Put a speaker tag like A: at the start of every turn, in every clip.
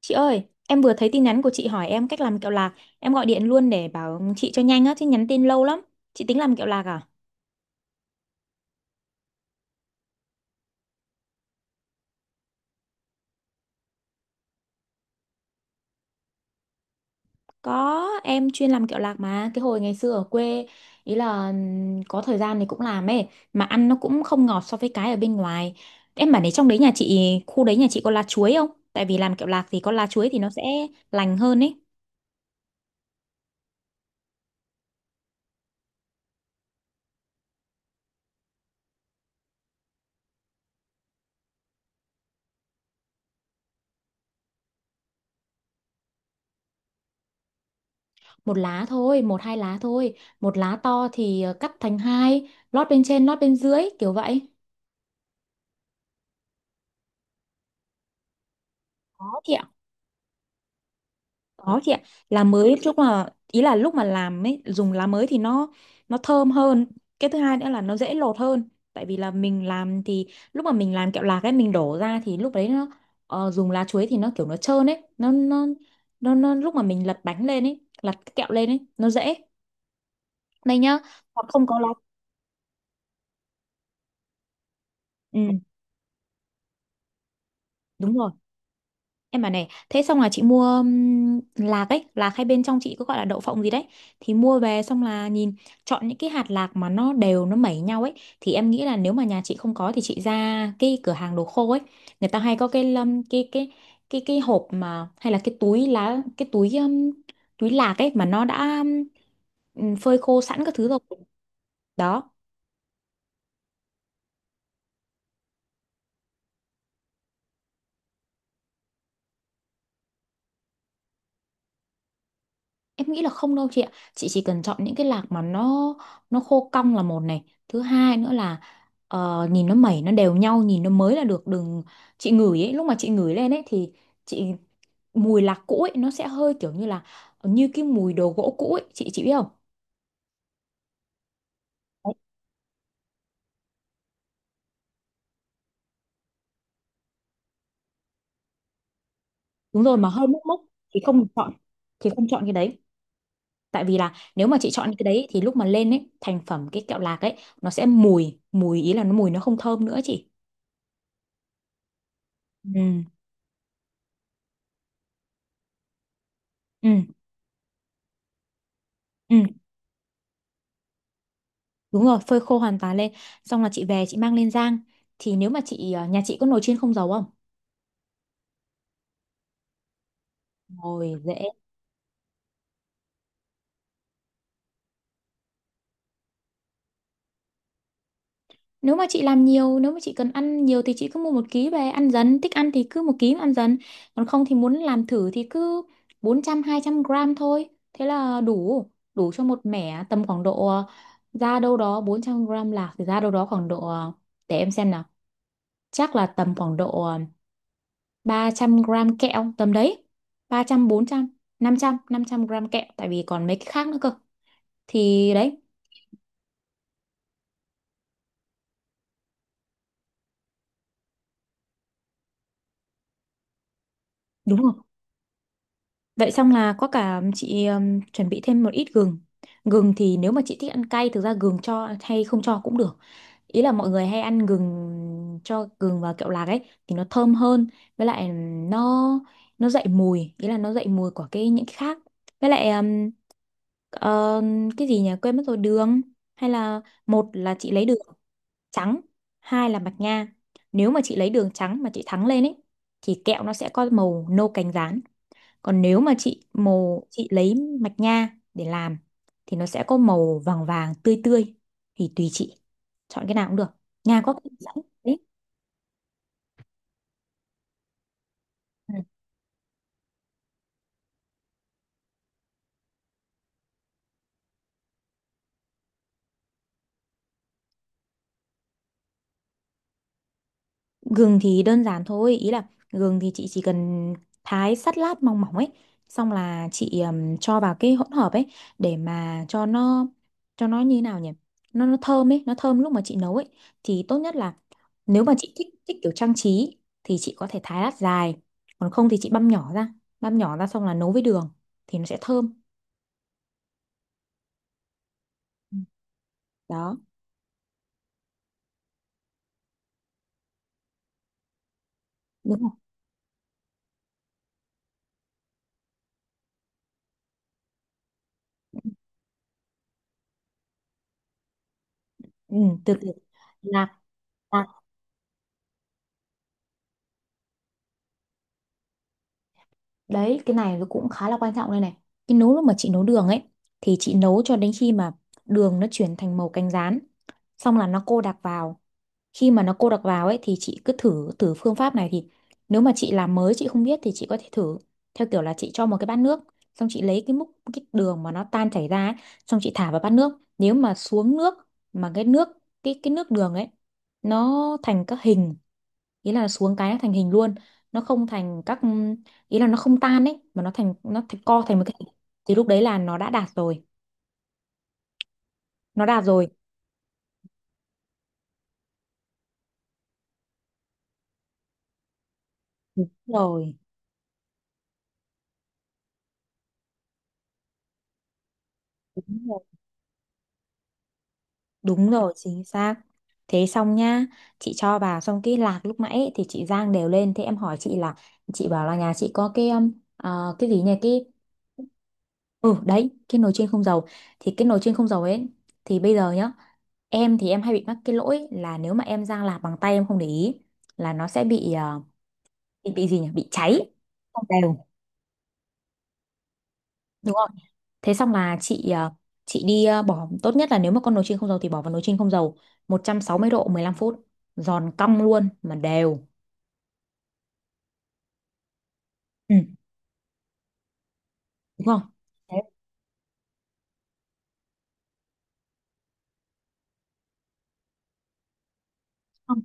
A: Chị ơi, em vừa thấy tin nhắn của chị hỏi em cách làm kẹo lạc. Em gọi điện luôn để bảo chị cho nhanh á, chứ nhắn tin lâu lắm. Chị tính làm kẹo lạc à? Có, em chuyên làm kẹo lạc mà. Cái hồi ngày xưa ở quê, ý là có thời gian thì cũng làm ấy. Mà ăn nó cũng không ngọt so với cái ở bên ngoài. Em bảo đấy trong đấy nhà chị, khu đấy nhà chị có lá chuối không? Tại vì làm kẹo lạc thì có lá chuối thì nó sẽ lành hơn ấy. Một lá thôi, một hai lá thôi. Một lá to thì cắt thành hai, lót bên trên, lót bên dưới, kiểu vậy. có thì Có chị ạ, lá mới, lúc là ý là lúc mà làm ấy dùng lá mới thì nó thơm hơn. Cái thứ hai nữa là nó dễ lột hơn. Tại vì là mình làm thì lúc mà mình làm kẹo lạc ấy mình đổ ra thì lúc đấy nó dùng lá chuối thì nó kiểu nó trơn ấy, nó lúc mà mình lật bánh lên ấy, lật cái kẹo lên ấy, nó dễ. Đây nhá, hoặc không có lá. Ừ, đúng rồi. Em bảo này, thế xong là chị mua lạc ấy, lạc hay bên trong chị có gọi là đậu phộng gì đấy. Thì mua về xong là nhìn, chọn những cái hạt lạc mà nó đều, nó mẩy nhau ấy. Thì em nghĩ là nếu mà nhà chị không có thì chị ra cái cửa hàng đồ khô ấy. Người ta hay có cái hộp, mà hay là cái túi lá cái túi túi lạc ấy mà nó đã phơi khô sẵn các thứ rồi. Đó. Em nghĩ là không đâu chị ạ. Chị chỉ cần chọn những cái lạc mà nó khô cong là một này. Thứ hai nữa là nhìn nó mẩy nó đều nhau, nhìn nó mới là được. Đừng, chị ngửi ấy, lúc mà chị ngửi lên ấy thì chị mùi lạc cũ ấy nó sẽ hơi kiểu như là như cái mùi đồ gỗ cũ ấy, chị biết không? Đấy. Đúng rồi, mà hơi mốc mốc thì không được chọn, thì không chọn cái đấy. Tại vì là nếu mà chị chọn cái đấy thì lúc mà lên ấy thành phẩm cái kẹo lạc ấy nó sẽ mùi mùi ý là nó mùi, nó không thơm nữa chị. Ừ. Ừ. Ừ. Đúng rồi, phơi khô hoàn toàn lên. Xong là chị về chị mang lên rang. Thì nếu mà chị nhà chị có nồi chiên không dầu không? Rồi dễ. Nếu mà chị làm nhiều, nếu mà chị cần ăn nhiều thì chị cứ mua 1 ký về ăn dần, thích ăn thì cứ 1 ký mà ăn dần. Còn không thì muốn làm thử thì cứ 400 200 gram thôi. Thế là đủ, đủ cho một mẻ tầm khoảng độ ra đâu đó 400 gram lạc thì ra đâu đó khoảng độ để em xem nào. Chắc là tầm khoảng độ 300 gram kẹo tầm đấy, ba trăm trăm bốn trăm, năm trăm gram kẹo, tại vì còn mấy cái khác nữa cơ, thì đấy. Đúng rồi. Vậy xong là có cả chị chuẩn bị thêm một ít gừng. Gừng thì nếu mà chị thích ăn cay, thực ra gừng cho hay không cho cũng được. Ý là mọi người hay ăn gừng, cho gừng vào kẹo lạc ấy thì nó thơm hơn, với lại nó nó dậy mùi, ý là nó dậy mùi của cái những cái khác. Với lại ờ, cái gì nhỉ, quên mất rồi, đường, hay là, một là chị lấy đường trắng, hai là mạch nha. Nếu mà chị lấy đường trắng mà chị thắng lên ấy thì kẹo nó sẽ có màu nâu cánh gián, còn nếu mà chị lấy mạch nha để làm thì nó sẽ có màu vàng vàng tươi tươi, thì tùy chị chọn cái nào cũng được. Nha có sẵn đấy. Ừ. Gừng thì đơn giản thôi, ý là gừng thì chị chỉ cần thái sắt lát mỏng mỏng ấy, xong là chị cho vào cái hỗn hợp ấy để mà cho nó, cho nó như thế nào nhỉ? Nó thơm ấy, nó thơm lúc mà chị nấu ấy, thì tốt nhất là nếu mà chị thích thích kiểu trang trí thì chị có thể thái lát dài, còn không thì chị băm nhỏ ra, băm nhỏ ra xong là nấu với đường thì nó sẽ thơm. Ừ. Đó, đúng không? Ừ, từ từ, lạc lạc đấy, cái này nó cũng khá là quan trọng đây này. Cái nấu, lúc mà chị nấu đường ấy thì chị nấu cho đến khi mà đường nó chuyển thành màu cánh gián, xong là nó cô đặc vào. Khi mà nó cô đặc vào ấy thì chị cứ thử thử phương pháp này thì, nếu mà chị làm mới, chị không biết thì chị có thể thử theo kiểu là chị cho một cái bát nước, xong chị lấy cái múc cái đường mà nó tan chảy ra ấy, xong chị thả vào bát nước, nếu mà xuống nước mà cái nước đường ấy nó thành các hình, ý là xuống cái nó thành hình luôn, nó không thành các, ý là nó không tan ấy mà nó thành co thành một cái hình. Thì lúc đấy là nó đã đạt rồi, nó đạt rồi. Đúng rồi đúng Đúng rồi, chính xác. Thế xong nhá, chị cho vào xong cái lạc lúc nãy ấy, thì chị rang đều lên. Thế em hỏi chị là, chị bảo là nhà chị có cái cái gì nhỉ, Ừ đấy, cái nồi chiên không dầu. Thì cái nồi chiên không dầu ấy, thì bây giờ nhá, em thì em hay bị mắc cái lỗi là nếu mà em rang lạc bằng tay em không để ý là nó sẽ bị bị gì nhỉ, bị cháy, không đều, đúng không? Thế xong là chị chị đi bỏ, tốt nhất là nếu mà con nồi chiên không dầu thì bỏ vào nồi chiên không dầu 160 độ 15 phút, giòn cong luôn mà đều, ừ, đúng không? Thế, không,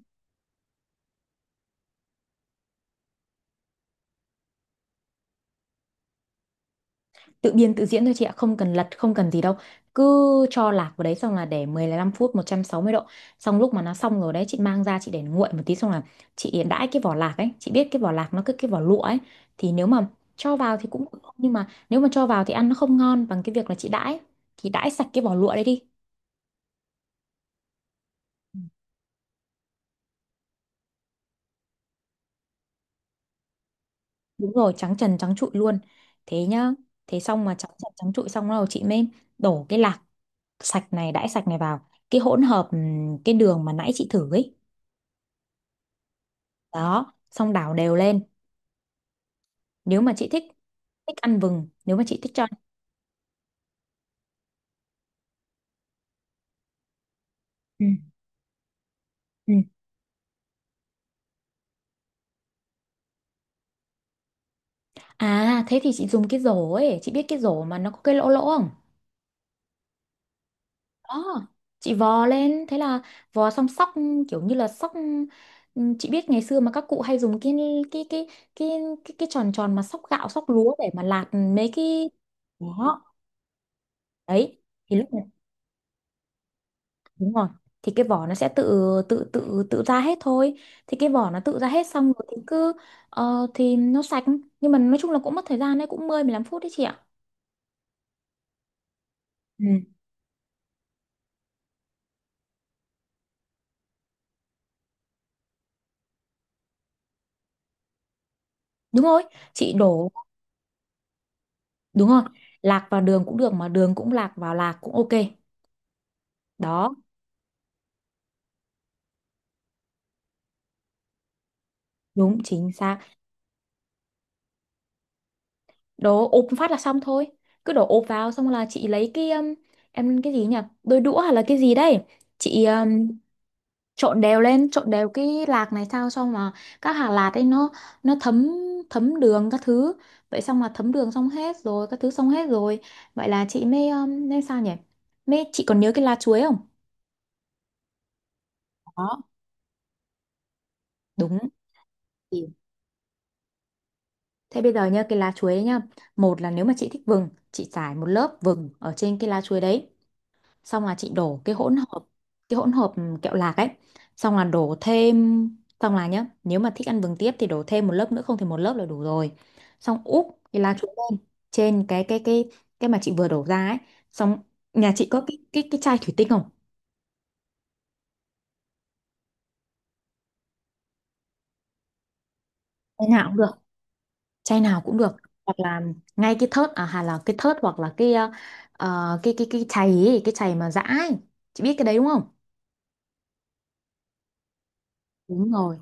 A: tự biên tự diễn thôi chị ạ, không cần lật, không cần gì đâu, cứ cho lạc vào đấy xong là để 15 phút, 160 độ. Xong lúc mà nó xong rồi đấy chị mang ra chị để nguội một tí, xong là chị đãi cái vỏ lạc ấy, chị biết cái vỏ lạc nó cứ cái vỏ lụa ấy, thì nếu mà cho vào thì cũng được, nhưng mà nếu mà cho vào thì ăn nó không ngon bằng cái việc là chị đãi, thì đãi sạch cái vỏ lụa đấy đi. Đúng rồi, trắng trần trắng trụi luôn. Thế nhá. Thế xong mà trắng trần trắng trụi xong rồi chị mới đổ cái lạc sạch này, đãi sạch này vào. Cái hỗn hợp cái đường mà nãy chị thử ấy. Đó, xong đảo đều lên. Nếu mà chị thích thích ăn vừng, nếu mà chị thích cho. Ừ. Ừ. À, thế thì chị dùng cái rổ ấy, chị biết cái rổ mà nó có cái lỗ lỗ không? Đó, chị vò lên, thế là vò xong sóc, kiểu như là sóc, ừ, chị biết ngày xưa mà các cụ hay dùng cái cái cái cái tròn tròn mà sóc gạo sóc lúa để mà lạt mấy cái, đó đấy, thì lúc này, đúng rồi, thì cái vỏ nó sẽ tự tự ra hết thôi, thì cái vỏ nó tự ra hết xong rồi thì cứ thì nó sạch, nhưng mà nói chung là cũng mất thời gian đấy, cũng 10 15 phút đấy chị ạ. Ừ. Đúng rồi, chị đổ, đúng rồi, lạc vào đường cũng được mà đường lạc vào lạc cũng ok, đó. Đúng, chính xác. Đổ ốp phát là xong thôi, cứ đổ ốp vào xong là chị lấy cái em cái gì nhỉ, đôi đũa hay là cái gì đấy. Chị trộn đều lên, trộn đều cái lạc này sao. Xong mà các hạt lạc ấy nó thấm, thấm đường các thứ. Vậy xong là thấm đường xong hết rồi, các thứ xong hết rồi. Vậy là chị mới nên sao nhỉ, mới, chị còn nhớ cái lá chuối không? Đó. Đúng thì thế bây giờ nha, cái lá chuối ấy nhá, một là nếu mà chị thích vừng, chị trải một lớp vừng ở trên cái lá chuối đấy, xong là chị đổ cái hỗn hợp, kẹo lạc ấy, xong là đổ thêm, xong là nhá, nếu mà thích ăn vừng tiếp thì đổ thêm một lớp nữa, không thì một lớp là đủ rồi, xong úp cái lá chuối lên trên cái cái mà chị vừa đổ ra ấy, xong nhà chị có cái chai thủy tinh không? Chai nào cũng được chai nào cũng được hoặc là ngay cái thớt, à hay là cái thớt, hoặc là cái chày ấy, cái chày mà giã ấy, chị biết cái đấy đúng không? đúng rồi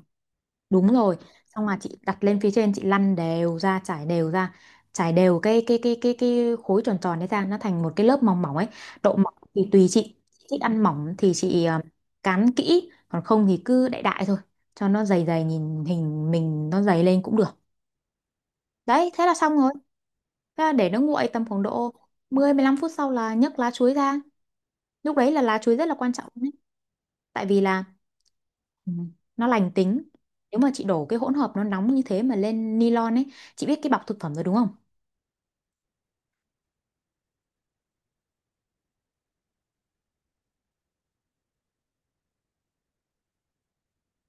A: đúng rồi Xong mà chị đặt lên phía trên, chị lăn đều ra, trải đều ra, trải đều cái khối tròn tròn đấy ra, nó thành một cái lớp mỏng mỏng ấy. Độ mỏng thì tùy chị thích ăn mỏng thì chị cán kỹ, còn không thì cứ đại đại thôi, cho nó dày dày, nhìn hình mình nó dày lên cũng được. Đấy, thế là xong rồi. Thế là để nó nguội tầm khoảng độ 10 15 phút sau là nhấc lá chuối ra. Lúc đấy là lá chuối rất là quan trọng đấy, tại vì là, ừ, nó lành tính. Nếu mà chị đổ cái hỗn hợp nó nóng như thế mà lên nylon ấy, chị biết cái bọc thực phẩm rồi đúng không?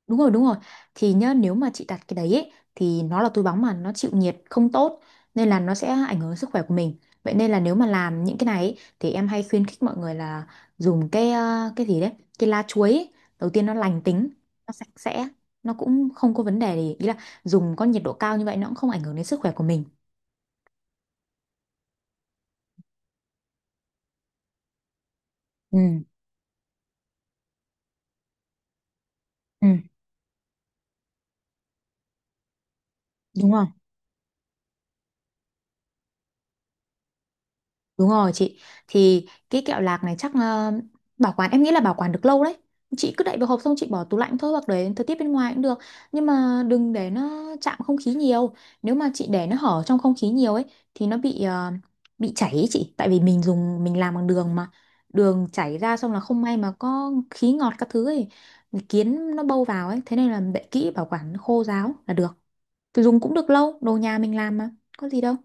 A: Đúng rồi. Thì nhá, nếu mà chị đặt cái đấy ấy, thì nó là túi bóng mà nó chịu nhiệt không tốt, nên là nó sẽ ảnh hưởng đến sức khỏe của mình. Vậy nên là nếu mà làm những cái này ấy, thì em hay khuyến khích mọi người là dùng cái gì đấy, cái lá chuối ấy. Đầu tiên nó lành tính, nó sạch sẽ, nó cũng không có vấn đề gì, ý là dùng có nhiệt độ cao như vậy nó cũng không ảnh hưởng đến sức khỏe của mình. Ừ, ừ, đúng rồi. Đúng rồi chị. Thì cái kẹo lạc này chắc bảo quản, em nghĩ là bảo quản được lâu đấy. Chị cứ đậy vào hộp xong chị bỏ tủ lạnh thôi, hoặc để thời tiết bên ngoài cũng được, nhưng mà đừng để nó chạm không khí nhiều. Nếu mà chị để nó hở trong không khí nhiều ấy, thì nó bị bị chảy ấy chị, tại vì mình dùng, mình làm bằng đường mà. Đường chảy ra xong là không may mà có khí ngọt các thứ ấy, kiến nó bâu vào ấy, thế nên là đậy kỹ, bảo quản khô ráo là được, thì dùng cũng được lâu. Đồ nhà mình làm mà, có gì đâu.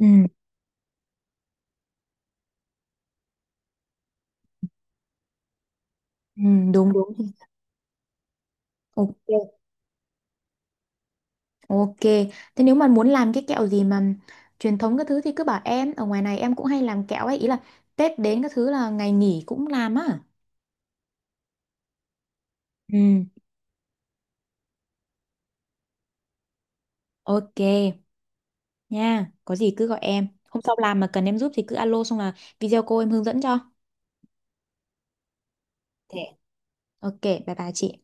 A: Ừ, ừ, đúng đúng. Ok. Ok, thế nếu mà muốn làm cái kẹo gì mà truyền thống các thứ thì cứ bảo em, ở ngoài này em cũng hay làm kẹo ấy, ý là Tết đến các thứ là ngày nghỉ cũng làm á. Ừ, ok nha. Có gì cứ gọi em. Hôm sau làm mà cần em giúp thì cứ alo xong là video cô em hướng dẫn cho. Thế. Ok, bye bye chị.